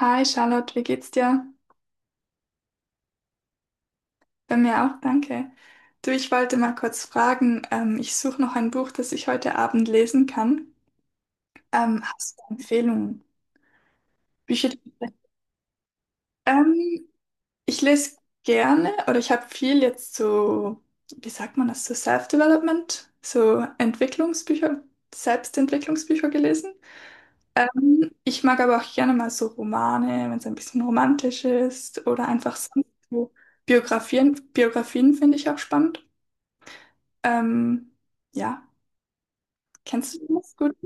Hi Charlotte, wie geht's dir? Bei mir auch, danke. Du, ich wollte mal kurz fragen, ich suche noch ein Buch, das ich heute Abend lesen kann. Hast du Empfehlungen? Bücher? Ähm, ich lese gerne oder ich habe viel jetzt so, wie sagt man das, so Self-Development, so Entwicklungsbücher, Selbstentwicklungsbücher gelesen. Ich mag aber auch gerne mal so Romane, wenn es ein bisschen romantisch ist oder einfach sonst so Biografien. Biografien finde ich auch spannend. Ähm, ja, kennst du das gut?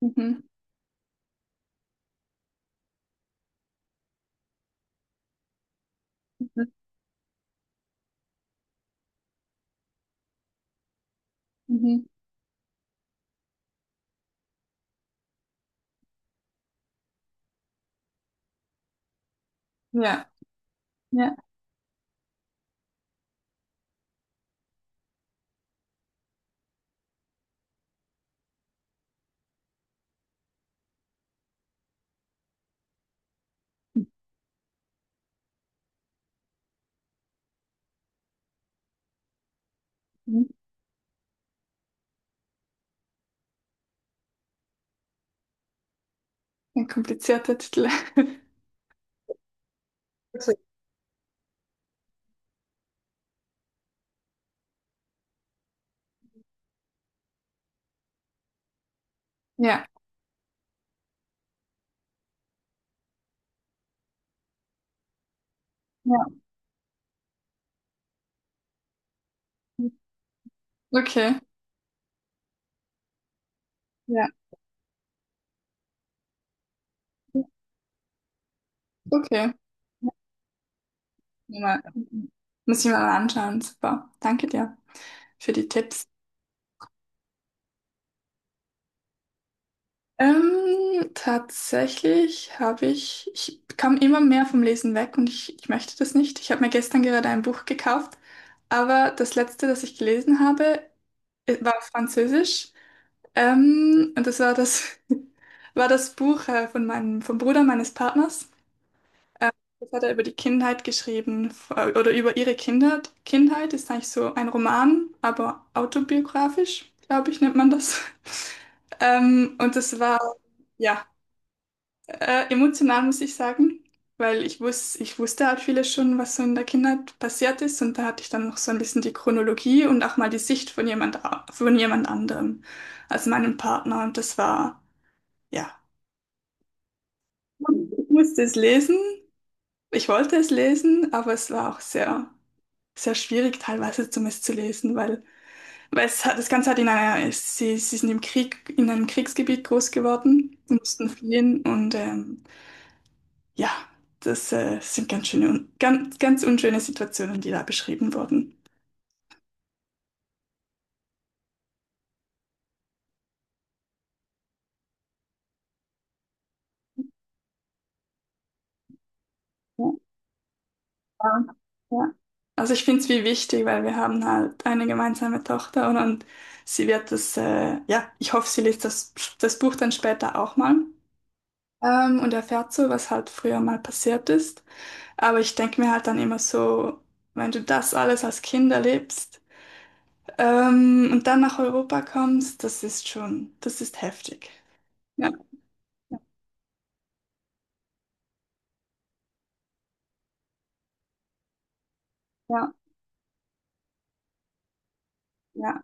Mhm. Mhm. Ja, ja. Mhm. Ein komplizierter Titel. Ja, ja. Okay. Ja, okay. Muss ich mir mal, muss ich mir mal anschauen. Super. Danke dir für die Tipps. Tatsächlich habe ich, kam immer mehr vom Lesen weg und ich möchte das nicht. Ich habe mir gestern gerade ein Buch gekauft, aber das letzte, das ich gelesen habe, war auf Französisch. Und das war das, war das Buch von meinem, vom Bruder meines Partners. Ähm, das hat er über die Kindheit geschrieben, oder über ihre Kinder. Kindheit ist eigentlich so ein Roman, aber autobiografisch, glaube ich, nennt man das. Und das war, ja, emotional, muss ich sagen, weil ich wusste halt vieles schon, was so in der Kindheit passiert ist. Und da hatte ich dann noch so ein bisschen die Chronologie und auch mal die Sicht von von jemand anderem, also meinem Partner. Und das war. Ja, ich musste es lesen. Ich wollte es lesen, aber es war auch sehr, sehr schwierig, teilweise zumindest zu lesen, weil es hat, das Ganze hat in einer, sie sind im Krieg, in einem Kriegsgebiet groß geworden, mussten fliehen und ja, das sind ganz schöne, ganz, ganz unschöne Situationen, die da beschrieben wurden. Ja, ja. Also ich finde es wie wichtig, weil wir haben halt eine gemeinsame Tochter und sie wird das, ja, ich hoffe, sie liest das Buch dann später auch mal. Und erfährt so, was halt früher mal passiert ist. Aber ich denke mir halt dann immer so, wenn du das alles als Kind erlebst, und dann nach Europa kommst, das ist schon, das ist heftig. Ja, ja, ja, ja.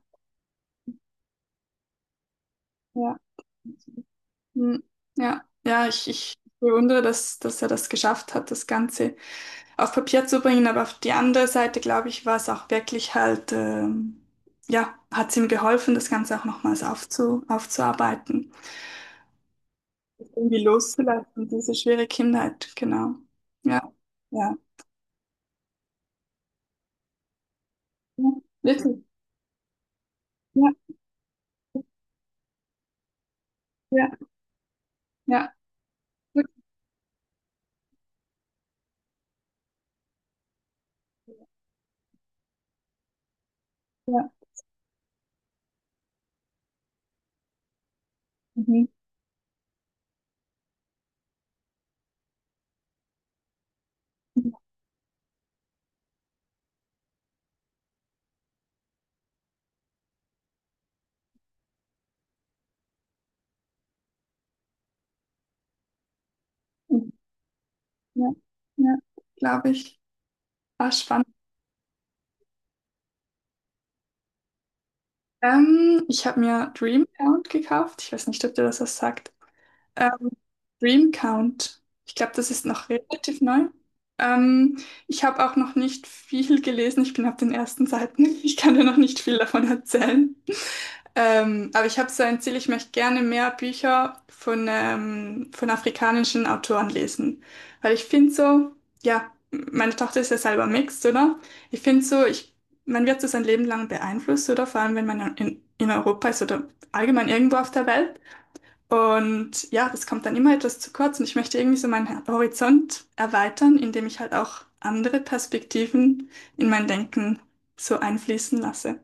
Ja. Hm, ja, ja, ich bewundere, dass er das geschafft hat, das Ganze auf Papier zu bringen. Aber auf die andere Seite, glaube ich, war es auch wirklich halt, ja, hat es ihm geholfen, das Ganze auch nochmals aufzuarbeiten. Irgendwie loszulassen, diese schwere Kindheit, genau. Ja, ja, ja, wirklich. Ja, ja, ja, wirklich. Ja, mhm. Mhm, ja, ja, glaube ich. Ah, spannend. Ich habe mir Dreamcount gekauft. Ich weiß nicht, ob dir das was sagt. Ähm, Dreamcount. Ich glaube, das ist noch relativ neu. Ähm, ich habe auch noch nicht viel gelesen. Ich bin auf den ersten Seiten. Ich kann dir noch nicht viel davon erzählen. Aber ich habe so ein Ziel, ich möchte gerne mehr Bücher von afrikanischen Autoren lesen. Weil ich finde so, ja, meine Tochter ist ja selber mixed, oder? Ich finde so, ich, man wird so sein Leben lang beeinflusst, oder? Vor allem, wenn man in Europa ist oder allgemein irgendwo auf der Welt. Und ja, das kommt dann immer etwas zu kurz und ich möchte irgendwie so meinen Horizont erweitern, indem ich halt auch andere Perspektiven in mein Denken so einfließen lasse.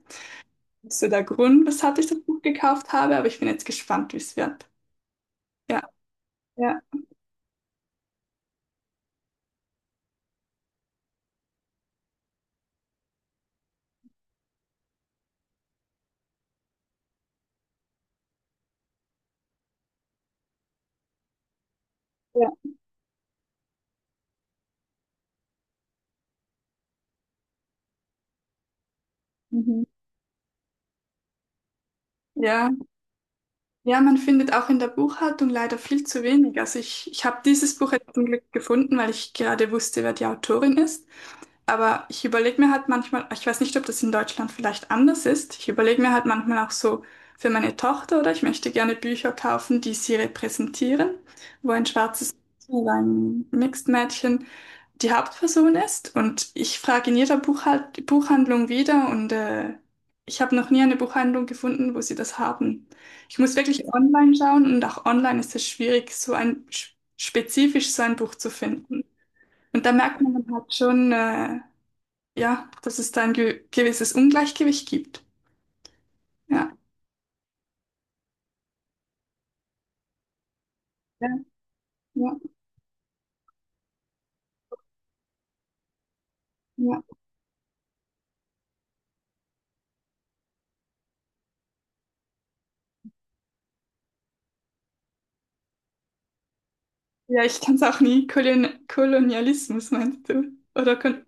Das ist ja der Grund, weshalb ich das Buch gekauft habe, aber ich bin jetzt gespannt, wie es wird. Ja, ja, ja. Mhm. Ja, ja, man findet auch in der Buchhaltung leider viel zu wenig. Also ich habe dieses Buch jetzt zum Glück gefunden, weil ich gerade wusste, wer die Autorin ist. Aber ich überlege mir halt manchmal, ich weiß nicht, ob das in Deutschland vielleicht anders ist. Ich überlege mir halt manchmal auch so für meine Tochter oder ich möchte gerne Bücher kaufen, die sie repräsentieren, wo ein schwarzes oder ein Mixed-Mädchen die Hauptperson ist. Und ich frage in jeder Buchhalt Buchhandlung wieder und ich habe noch nie eine Buchhandlung gefunden, wo sie das haben. Ich muss wirklich online schauen und auch online ist es schwierig, so ein spezifisch so ein Buch zu finden. Und da merkt man dann halt schon, ja, dass es da ein ge gewisses Ungleichgewicht gibt. Ja, ja, ja, ja. Ja, ich kann es auch nie. Kolonialismus meinst du? Oder kon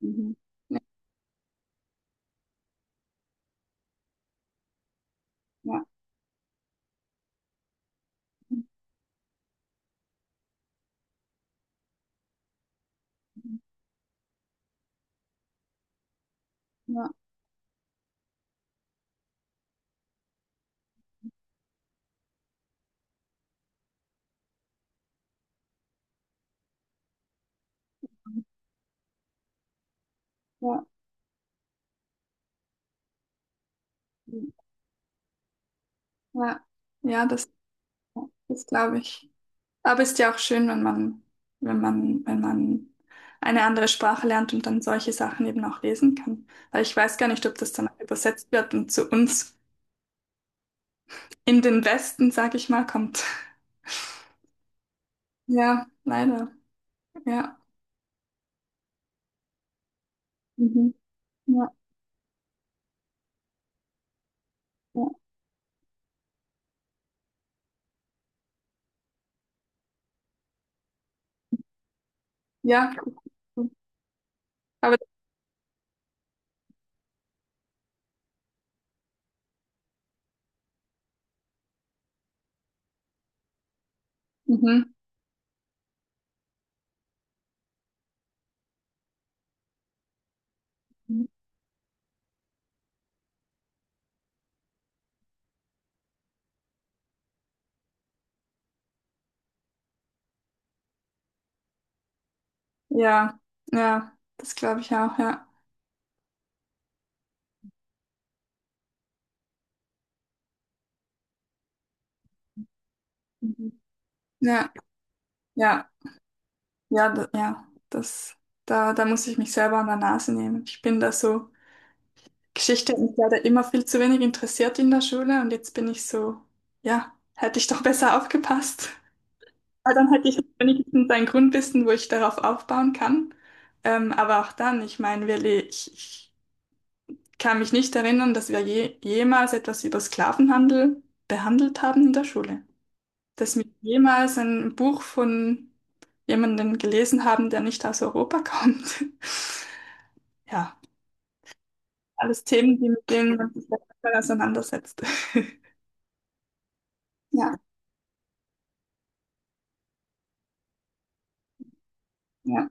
mhm. Ja, ja, ja. Ja. Ja, ja, das, das glaube ich. Aber ist ja auch schön, wenn man, wenn man, wenn man eine andere Sprache lernt und dann solche Sachen eben auch lesen kann. Weil ich weiß gar nicht, ob das dann übersetzt wird und zu uns in den Westen, sag ich mal, kommt. Ja, leider. Ja. Mhm. Ja, ja. Ja, cool. Aber mhm. Ja, ja, das glaube ich auch, ja. Mhm. Ja, ja. Ja, da, ja, das, da, da muss ich mich selber an der Nase nehmen. Ich bin da so, Geschichte hat mich leider immer viel zu wenig interessiert in der Schule und jetzt bin ich so, ja, hätte ich doch besser aufgepasst. Weil dann hätte ich wenigstens ein Grundwissen, wo ich darauf aufbauen kann. Aber auch dann, ich meine, ich kann mich nicht erinnern, dass wir jemals etwas über Sklavenhandel behandelt haben in der Schule, dass wir jemals ein Buch von jemandem gelesen haben, der nicht aus Europa kommt. Ja, alles Themen, die, mit denen man sich manchmal auseinandersetzt. Ja, ja.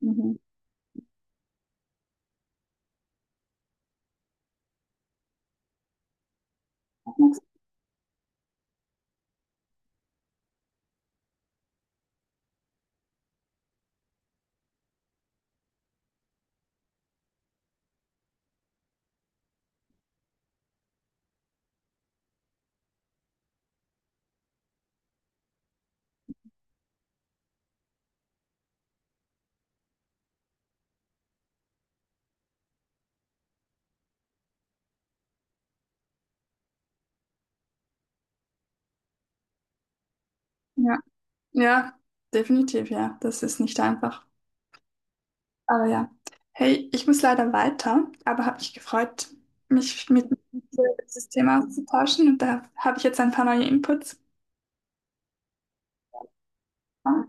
Mhm. Ja, ja, definitiv, ja. Das ist nicht einfach. Aber ja. Hey, ich muss leider weiter, aber habe mich gefreut, mich mit dir über dieses Thema auszutauschen und da habe ich jetzt ein paar neue Inputs. Ah,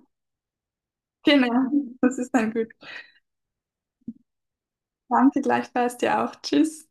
genau, das ist dann gut. Danke gleichfalls dir auch. Tschüss.